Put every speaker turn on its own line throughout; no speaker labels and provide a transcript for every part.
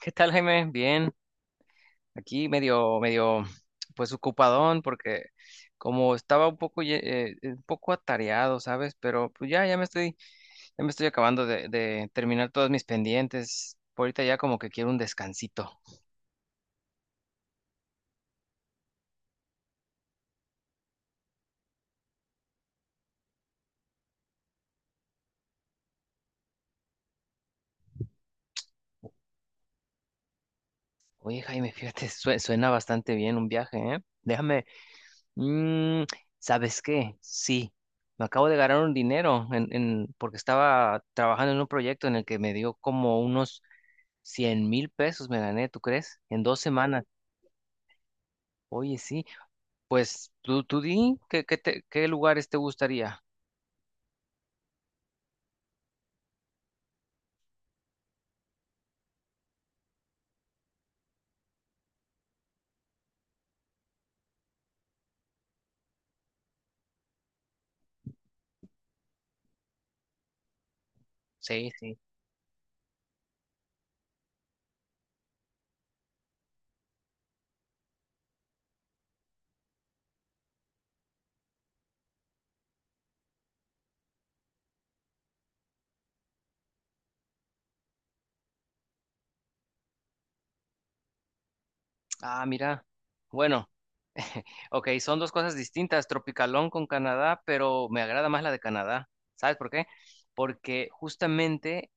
¿Qué tal, Jaime? Bien, aquí medio, medio, pues ocupadón, porque como estaba un poco, un poco atareado, ¿sabes? Pero pues ya, ya me estoy acabando de terminar todos mis pendientes. Por ahorita ya como que quiero un descansito. Oye, Jaime, fíjate, suena bastante bien un viaje, ¿eh? Déjame, mm, ¿sabes qué? Sí, me acabo de ganar un dinero porque estaba trabajando en un proyecto en el que me dio como unos. Cien mil pesos me gané, ¿tú crees? En dos semanas. Oye, sí. Pues tú di, ¿qué lugares te gustaría? Sí, sí. Ah, mira. Bueno, ok, son dos cosas distintas. Tropicalón con Canadá, pero me agrada más la de Canadá. ¿Sabes por qué? Porque justamente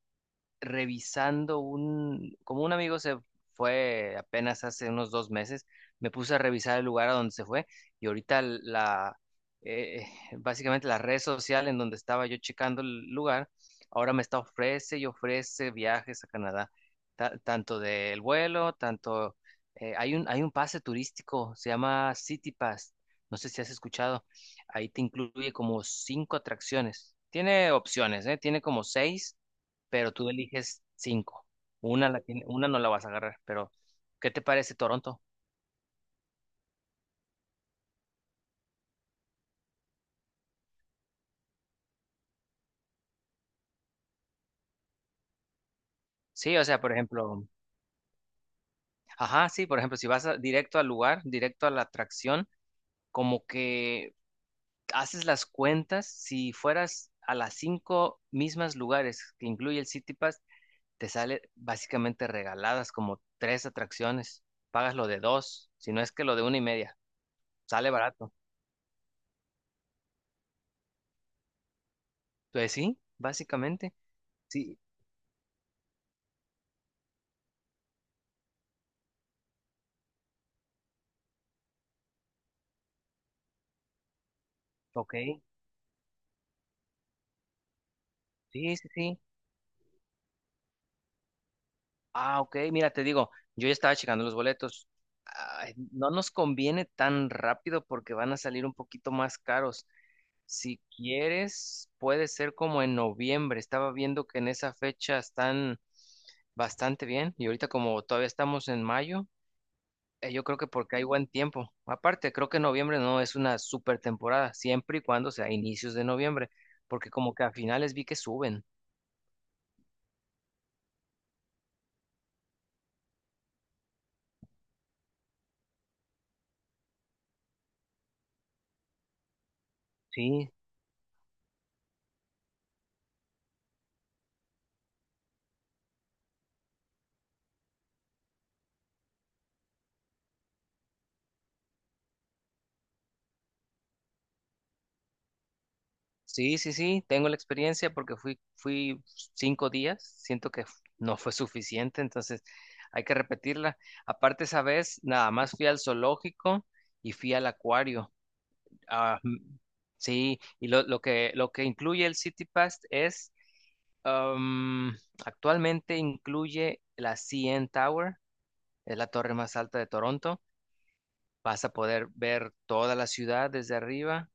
revisando un, como un amigo se fue apenas hace unos dos meses, me puse a revisar el lugar a donde se fue y ahorita la, eh, básicamente la red social en donde estaba yo checando el lugar, ahora me está ofrece y ofrece viajes a Canadá, tanto del vuelo, tanto, hay un pase turístico, se llama City Pass, no sé si has escuchado, ahí te incluye como cinco atracciones. Tiene opciones, ¿eh? Tiene como seis, pero tú eliges cinco. Una, una no la vas a agarrar, pero ¿qué te parece Toronto? Sí, o sea, por ejemplo, ajá, sí, por ejemplo, si vas a- directo al lugar, directo a la atracción, como que haces las cuentas, si fueras a las cinco mismas lugares que incluye el City Pass, te sale básicamente regaladas como tres atracciones, pagas lo de dos, si no es que lo de una y media, sale barato. Pues sí, básicamente, sí, ok, sí, sí, sí. Ah, ok, mira, te digo, yo ya estaba checando los boletos. Ay, no nos conviene tan rápido porque van a salir un poquito más caros. Si quieres, puede ser como en noviembre. Estaba viendo que en esa fecha están bastante bien y ahorita como todavía estamos en mayo, yo creo que porque hay buen tiempo. Aparte, creo que noviembre no es una super temporada, siempre y cuando sea inicios de noviembre, porque como que a finales vi que suben. Sí, sí, sí, sí, tengo la experiencia porque fui cinco días, siento que no fue suficiente, entonces hay que repetirla. Aparte, esa vez nada más fui al zoológico y fui al acuario. Ah, mm, sí, lo que incluye el City Pass es, am, actualmente incluye la CN Tower, es la torre más alta de Toronto. Vas a poder ver toda la ciudad desde arriba.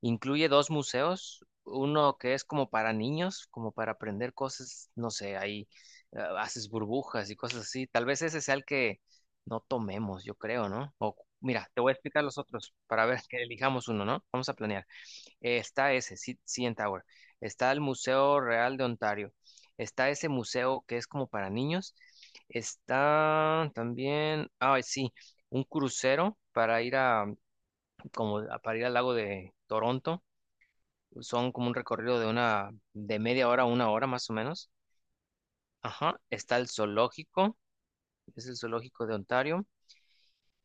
Incluye dos museos, uno que es como para niños, como para aprender cosas, no sé, ahí haces burbujas y cosas así. Tal vez ese sea el que no tomemos, yo creo, ¿no? O mira, te voy a explicar los otros para ver que elijamos uno, ¿no? Vamos a planear. Está ese, CN Tower. Está el Museo Real de Ontario. Está ese museo que es como para niños. Está también, ah, sí, un crucero para ir a, para ir al lago de Toronto. Son como un recorrido de una, de media hora a una hora más o menos. Ajá. Está el zoológico, es el zoológico de Ontario.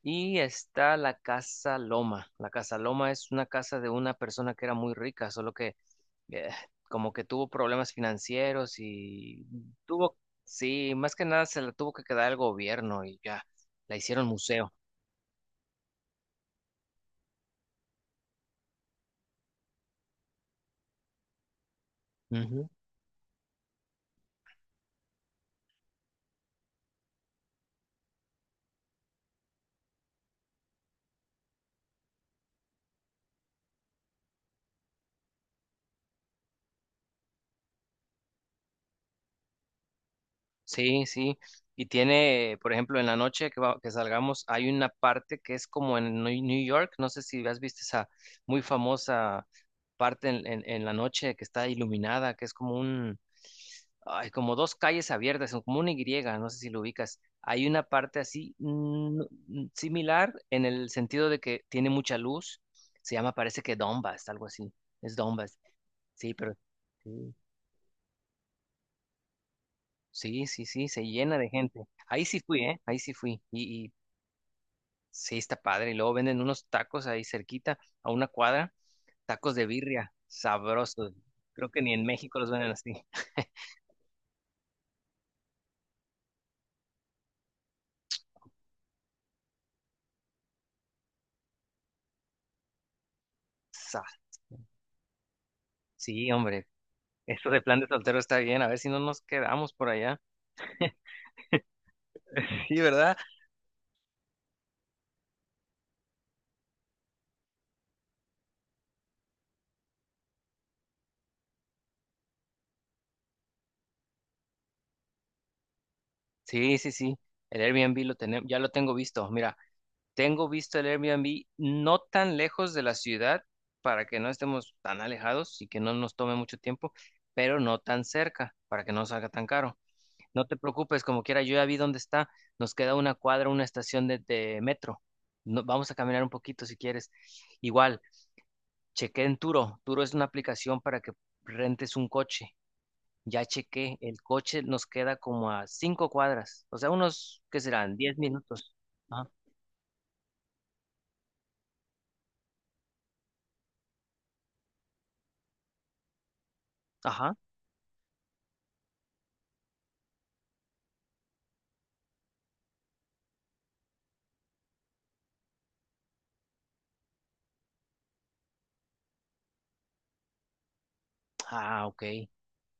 Y está la Casa Loma. La Casa Loma es una casa de una persona que era muy rica, solo que eh, como que tuvo problemas financieros y tuvo, sí, más que nada se la tuvo que quedar el gobierno y ya, la hicieron museo. Ujú. Sí, sí. Y tiene, por ejemplo, en la noche que salgamos, hay una parte que es como en New York. No sé si has visto esa muy famosa parte en la noche que está iluminada, que es como un, ay, como dos calles abiertas, son como una Y, no sé si lo ubicas. Hay una parte así similar en el sentido de que tiene mucha luz. Se llama, parece que Donbass, algo así. Es Donbass. Sí, pero sí, sí, sí, sí, se llena de gente. Ahí sí fui, ¿eh? Ahí sí fui. Y sí, está padre. Y luego venden unos tacos ahí cerquita, a una cuadra, tacos de birria, sabrosos. Creo que ni en México los venden así. Sa- Sí, hombre, esto de plan de soltero está bien, a ver si no nos quedamos por allá. Sí, ¿verdad? Sí, sí, sí. El Airbnb lo tenemos, ya lo tengo visto. Mira, tengo visto el Airbnb no tan lejos de la ciudad para que no estemos tan alejados y que no nos tome mucho tiempo, pero no tan cerca para que no salga tan caro. No te preocupes, como quiera, yo ya vi dónde está. Nos queda una cuadra, una estación de metro. Vamos a caminar un poquito si quieres. Igual, chequé en Turo. Turo es una aplicación para que rentes un coche. Ya chequé, el coche nos queda como a cinco cuadras, o sea, unos, ¿qué serán? Diez minutos. Ajá. Ajá. Ah, ok.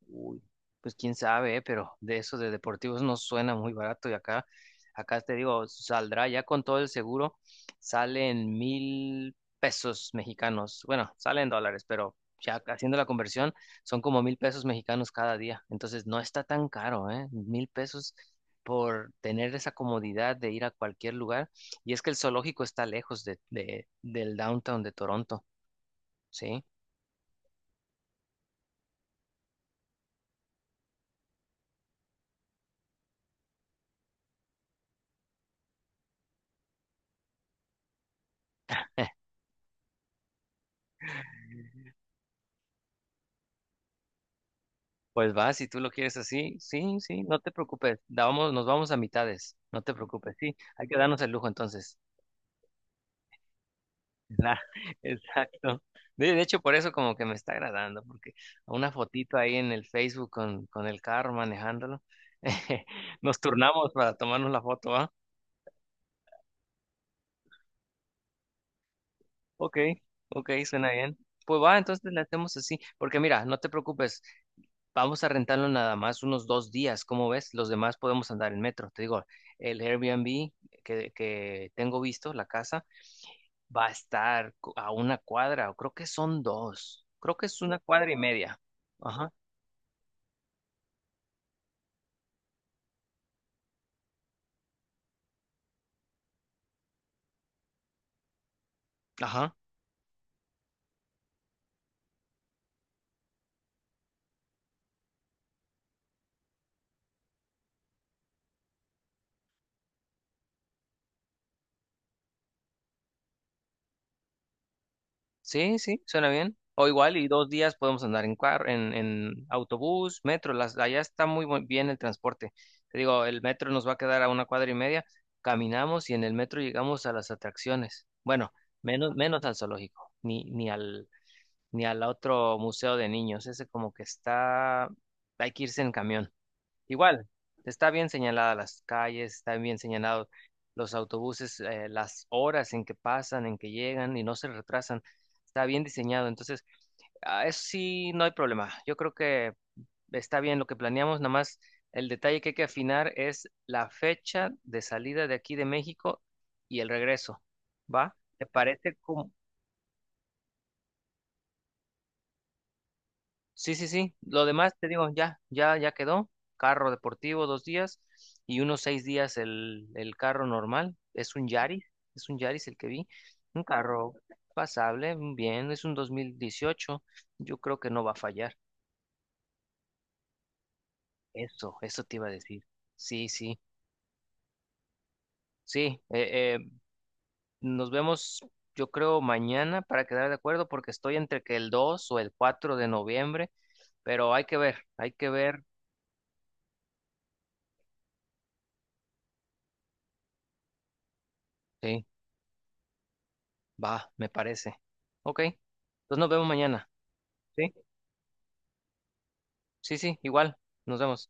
Uy, pues quién sabe, pero de eso de deportivos no suena muy barato y acá, acá te digo, saldrá ya con todo el seguro, salen mil pesos mexicanos, bueno, salen dólares, pero ya haciendo la conversión son como mil pesos mexicanos cada día, entonces no está tan caro, ¿eh? Mil pesos por tener esa comodidad de ir a cualquier lugar y es que el zoológico está lejos del downtown de Toronto, ¿sí? Pues va, si tú lo quieres así, sí, sí, no te preocupes. Nos vamos a mitades, no te preocupes, sí, hay que darnos el lujo entonces. La- exacto. De hecho, por eso como que me está agradando, porque una fotito ahí en el Facebook con el carro manejándolo, nos turnamos para tomarnos la foto, ¿va? Ok, ok, suena bien. Pues va, entonces le hacemos así, porque mira, no te preocupes, vamos a rentarlo nada más unos dos días, ¿cómo ves? Los demás podemos andar en metro. Te digo, el Airbnb que tengo visto, la casa, va a estar a una cuadra, o creo que son dos, creo que es una cuadra y media. Ajá, ajá. Sí, sí, suena bien. O igual, y dos días podemos andar en carro, en autobús, metro. Las, allá está muy bien el transporte. Te digo, el metro nos va a quedar a una cuadra y media. Caminamos y en el metro llegamos a las atracciones. Bueno, menos al zoológico, ni al, ni al otro museo de niños. Ese como que está, hay que irse en camión. Igual, está bien señalada las calles, están bien señalados los autobuses, las horas en que pasan, en que llegan y no se retrasan. Está bien diseñado. Entonces, ah, eso sí, no hay problema. Yo creo que está bien lo que planeamos. Nada más el detalle que hay que afinar es la fecha de salida de aquí de México y el regreso. ¿Va? ¿Te parece como, sí, sí, sí? Lo demás te digo, ya, ya, ya quedó. Carro deportivo dos días y unos seis días el carro normal. Es un Yaris el que vi. Un carro pasable, bien, es un 2018. Yo creo que no va a fallar. Eso te iba a decir. Sí, sí, sí. Nos vemos, yo creo, mañana para quedar de acuerdo porque estoy entre que el 2 o el 4 de noviembre, pero hay que ver, hay que ver. Sí. Va, me parece. Ok. Entonces nos vemos mañana. ¿Sí? Sí, sí, igual. Nos vemos.